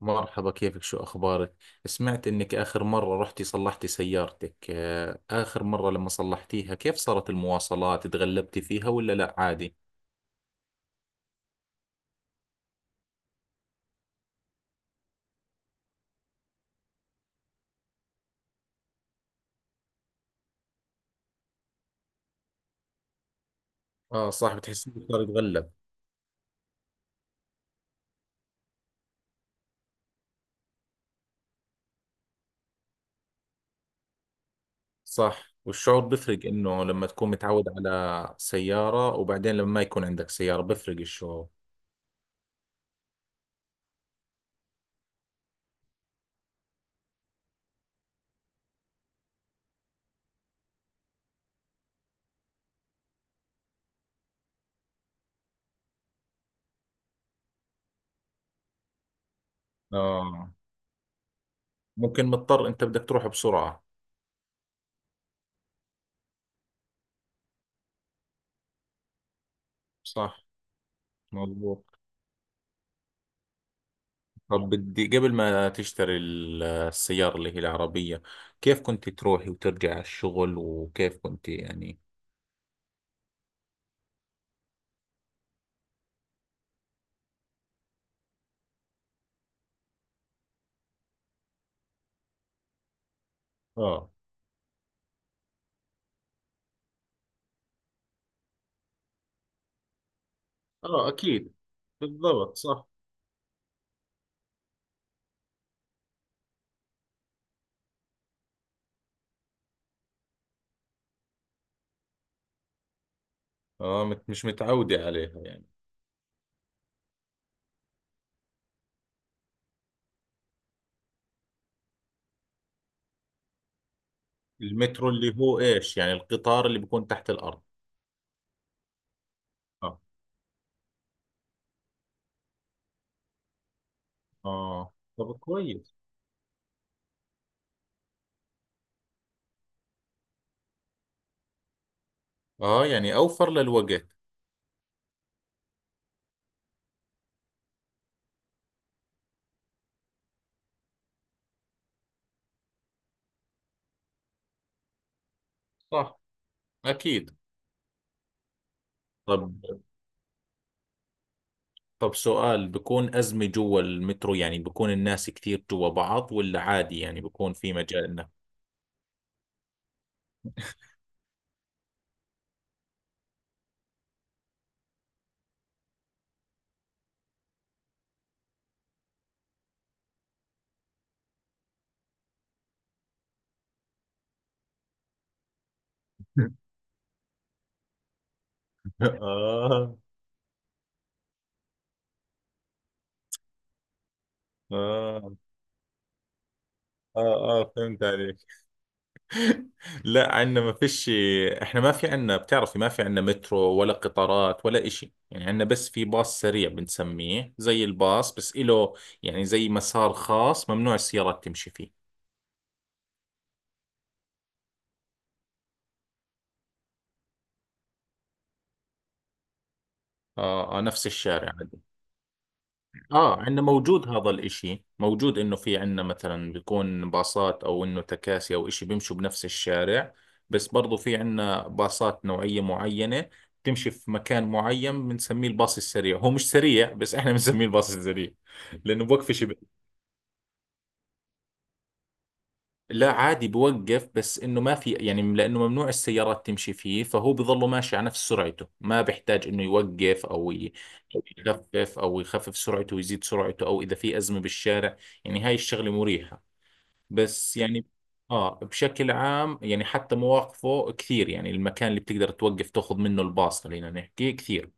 مرحبا كيفك شو أخبارك؟ سمعت إنك آخر مرة رحتي صلحتي سيارتك آخر مرة لما صلحتيها كيف صارت المواصلات؟ تغلبتي فيها ولا لا عادي؟ آه صح، بتحسي صار يتغلب. صح، والشعور بفرق، إنه لما تكون متعود على سيارة وبعدين لما ما يكون عندك سيارة بفرق الشعور. آه ممكن مضطر، أنت بدك تروح بسرعة. صح، مظبوط. طب بدي قبل ما تشتري السيارة اللي هي العربية، كيف كنت تروحي وترجعي على الشغل وكيف كنت يعني. اه اه اكيد. بالضبط صح. اه مش متعودة عليها يعني. المترو اللي هو ايش يعني، القطار اللي بيكون تحت الأرض؟ اه اه، طب كويس. اه يعني أوفر للوقت. صح أكيد. طب طب سؤال، بكون أزمة جوا المترو؟ يعني بكون الناس كثير جوا بعض ولا عادي؟ يعني بكون في مجال إنك. آه اه اه اه، فهمت عليك. لا، عندنا ما فيش. احنا ما في عندنا، بتعرفي، ما في عندنا مترو ولا قطارات ولا اشي. يعني عندنا بس في باص سريع بنسميه زي الباص، بس إله يعني زي مسار خاص ممنوع السيارات تمشي فيه. اه, آه نفس الشارع. اه عندنا موجود، هذا الاشي موجود، انه في عندنا مثلا بيكون باصات او انه تكاسي او اشي بيمشوا بنفس الشارع، بس برضو في عندنا باصات نوعية معينة تمشي في مكان معين بنسميه الباص السريع. هو مش سريع بس احنا بنسميه الباص السريع، لانه بوقفش. لا عادي بوقف، بس انه ما في يعني، لانه ممنوع السيارات تمشي فيه فهو بظله ماشي على نفس سرعته، ما بيحتاج انه يوقف او ي- أو يخفف او يخفف سرعته ويزيد سرعته، او اذا في ازمة بالشارع. يعني هاي الشغلة مريحة، بس يعني اه بشكل عام، يعني حتى مواقفه كثير، يعني المكان اللي بتقدر توقف تاخذ منه الباص، خلينا نحكي كثير.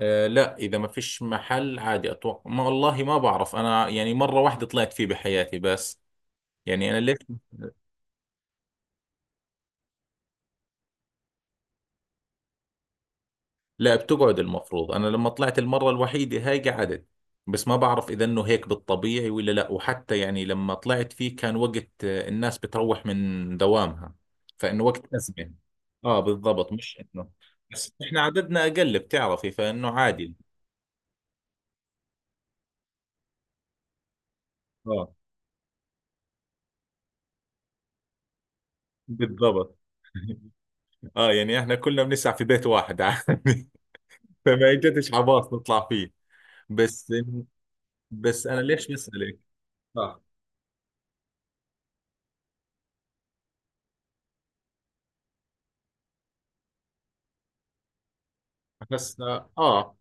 آه لا، إذا ما فيش محل عادي أتوقع. ما والله ما بعرف أنا، يعني مرة واحدة طلعت فيه بحياتي بس. يعني أنا ليش. لا بتقعد، المفروض انا لما طلعت المره الوحيده هاي قعدت. بس ما بعرف اذا انه هيك بالطبيعي ولا لا، وحتى يعني لما طلعت فيه كان وقت الناس بتروح من دوامها، فانه وقت ازمه. اه بالضبط، مش انه. بس احنا عددنا اقل بتعرفي، فانه عادي. اه بالضبط. اه يعني احنا كلنا بنسع في بيت واحد عادي. فما اجتش عباص نطلع فيه. بس. بس انا ليش بسألك. اه بس اه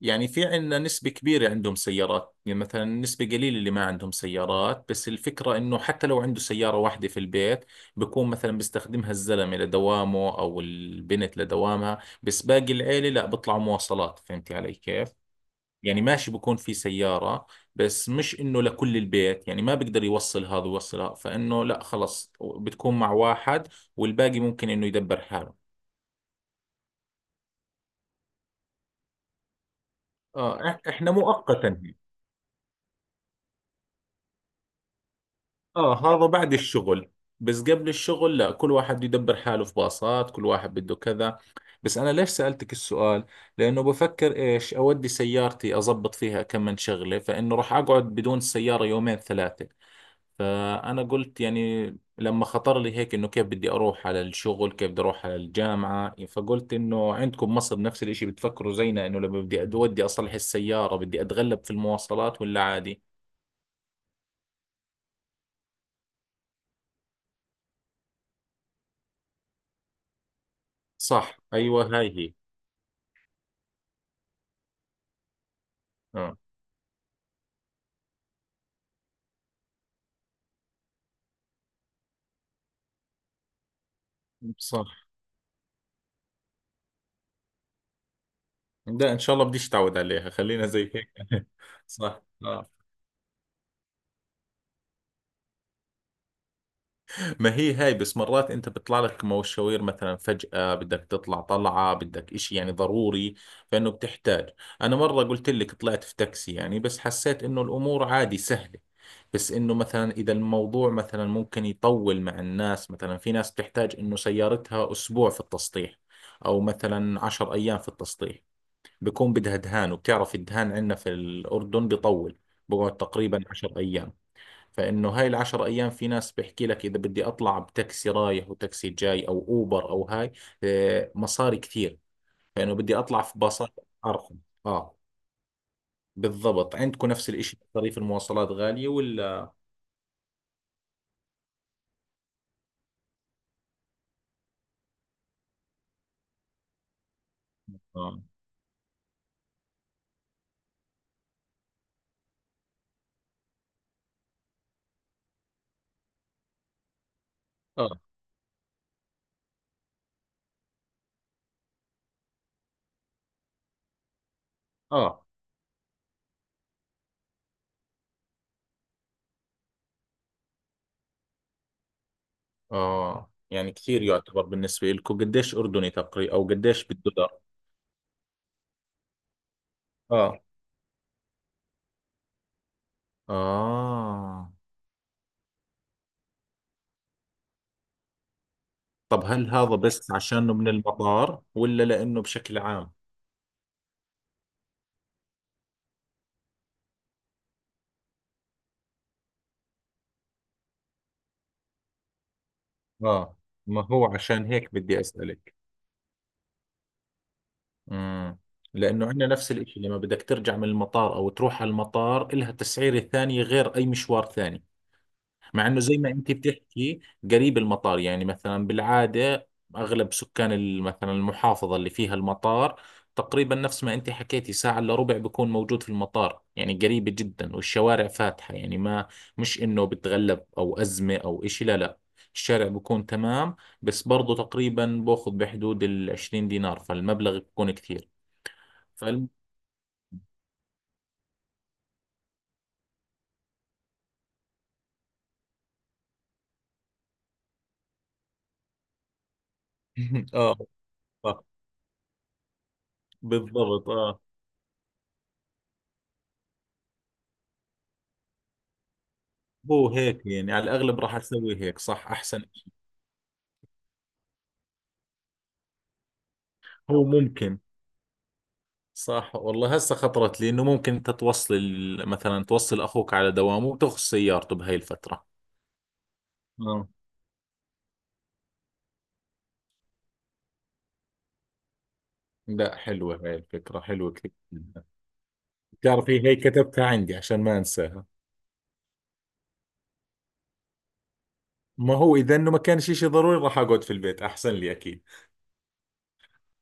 يعني في عندنا نسبة كبيرة عندهم سيارات، يعني مثلا نسبة قليلة اللي ما عندهم سيارات، بس الفكرة إنه حتى لو عنده سيارة واحدة في البيت، بكون مثلا بيستخدمها الزلمة لدوامه أو البنت لدوامها، بس باقي العيلة لا بيطلعوا مواصلات، فهمتي علي كيف؟ يعني ماشي، بكون في سيارة بس مش إنه لكل البيت، يعني ما بقدر يوصل هذا ويوصل هذا، فإنه لا خلص بتكون مع واحد، والباقي ممكن إنه يدبر حاله. آه إحنا مؤقتا. اه هذا بعد الشغل. بس قبل الشغل لا، كل واحد بده يدبر حاله، في باصات، كل واحد بده كذا. بس انا ليش سألتك السؤال؟ لانه بفكر ايش اودي سيارتي اضبط فيها كم من شغلة، فانه راح اقعد بدون السيارة يومين ثلاثة. فانا قلت يعني، لما خطر لي هيك انه كيف بدي اروح على الشغل، كيف بدي اروح على الجامعة، فقلت انه عندكم مصر نفس الاشي، بتفكروا زينا انه لما بدي اودي اصلح السيارة بدي اتغلب في المواصلات ولا عادي. صح ايوه، هاي هي. اه صح. لا ان شاء الله بديش تعود عليها، خلينا زي هيك. صح آه. ما هي هاي، بس مرات انت بيطلع لك مشاوير مثلا فجأة، بدك تطلع طلعة، بدك اشي يعني ضروري، فانه بتحتاج. انا مرة قلت لك طلعت في تاكسي يعني، بس حسيت انه الامور عادي سهلة. بس انه مثلا اذا الموضوع مثلا ممكن يطول، مع الناس، مثلا في ناس بتحتاج انه سيارتها اسبوع في التسطيح، او مثلا عشر ايام في التسطيح، بكون بدها دهان، وبتعرف الدهان عندنا في الاردن بيطول، بقعد تقريبا عشر أيام. فإنه هاي العشر أيام في ناس بيحكي لك، إذا بدي أطلع بتاكسي رايح وتاكسي جاي أو أوبر أو هاي، مصاري كثير، فإنه بدي أطلع في باصات أرخص. آه بالضبط، عندكم نفس الإشي؟ مصاريف المواصلات غالية ولا؟ آه آه آه, آه. يعني كثير يعتبر بالنسبة لكم، قديش أردني تقريبا أو قديش بالدولار؟ آه آه. طب هل هذا بس عشانه من المطار ولا لأنه بشكل عام؟ آه، ما هو عشان هيك بدي أسألك. امم. لانه عندنا نفس الاشي، لما بدك ترجع من المطار او تروح على المطار إلها تسعيرة ثانية غير اي مشوار ثاني. مع انه زي ما انت بتحكي، قريب المطار، يعني مثلا بالعادة اغلب سكان مثلا المحافظة اللي فيها المطار، تقريبا نفس ما انت حكيتي، ساعة الا ربع بكون موجود في المطار، يعني قريبة جدا والشوارع فاتحة، يعني ما، مش انه بتغلب او ازمة او اشي، لا لا، الشارع بكون تمام. بس برضو تقريبا باخذ بحدود ال 20 دينار، فالمبلغ بيكون كثير. فالم... اه صح. بالضبط اه. هو هيك يعني، على الاغلب راح اسوي هيك، صح احسن. هو ممكن. صح والله، هسه خطرت لي انه ممكن انت توصل مثلا توصل اخوك على دوامه وتاخذ سيارته بهاي الفتره. اه لا، حلوه هاي الفكره، حلوه كثير. بتعرفي هي كتبتها عندي عشان ما انساها. ما هو اذا انه ما كان شيء شيء ضروري راح اقعد في البيت، احسن لي اكيد.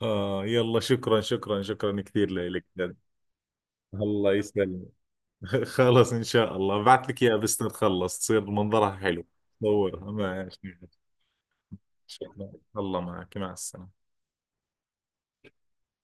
اه يلا، شكرا شكرا شكرا كثير لك. الله يسلمك. خلاص ان شاء الله، بعت لك اياها بس نتخلص تصير منظرها حلو. صورها ما شاء الله. الله معك، مع السلامة.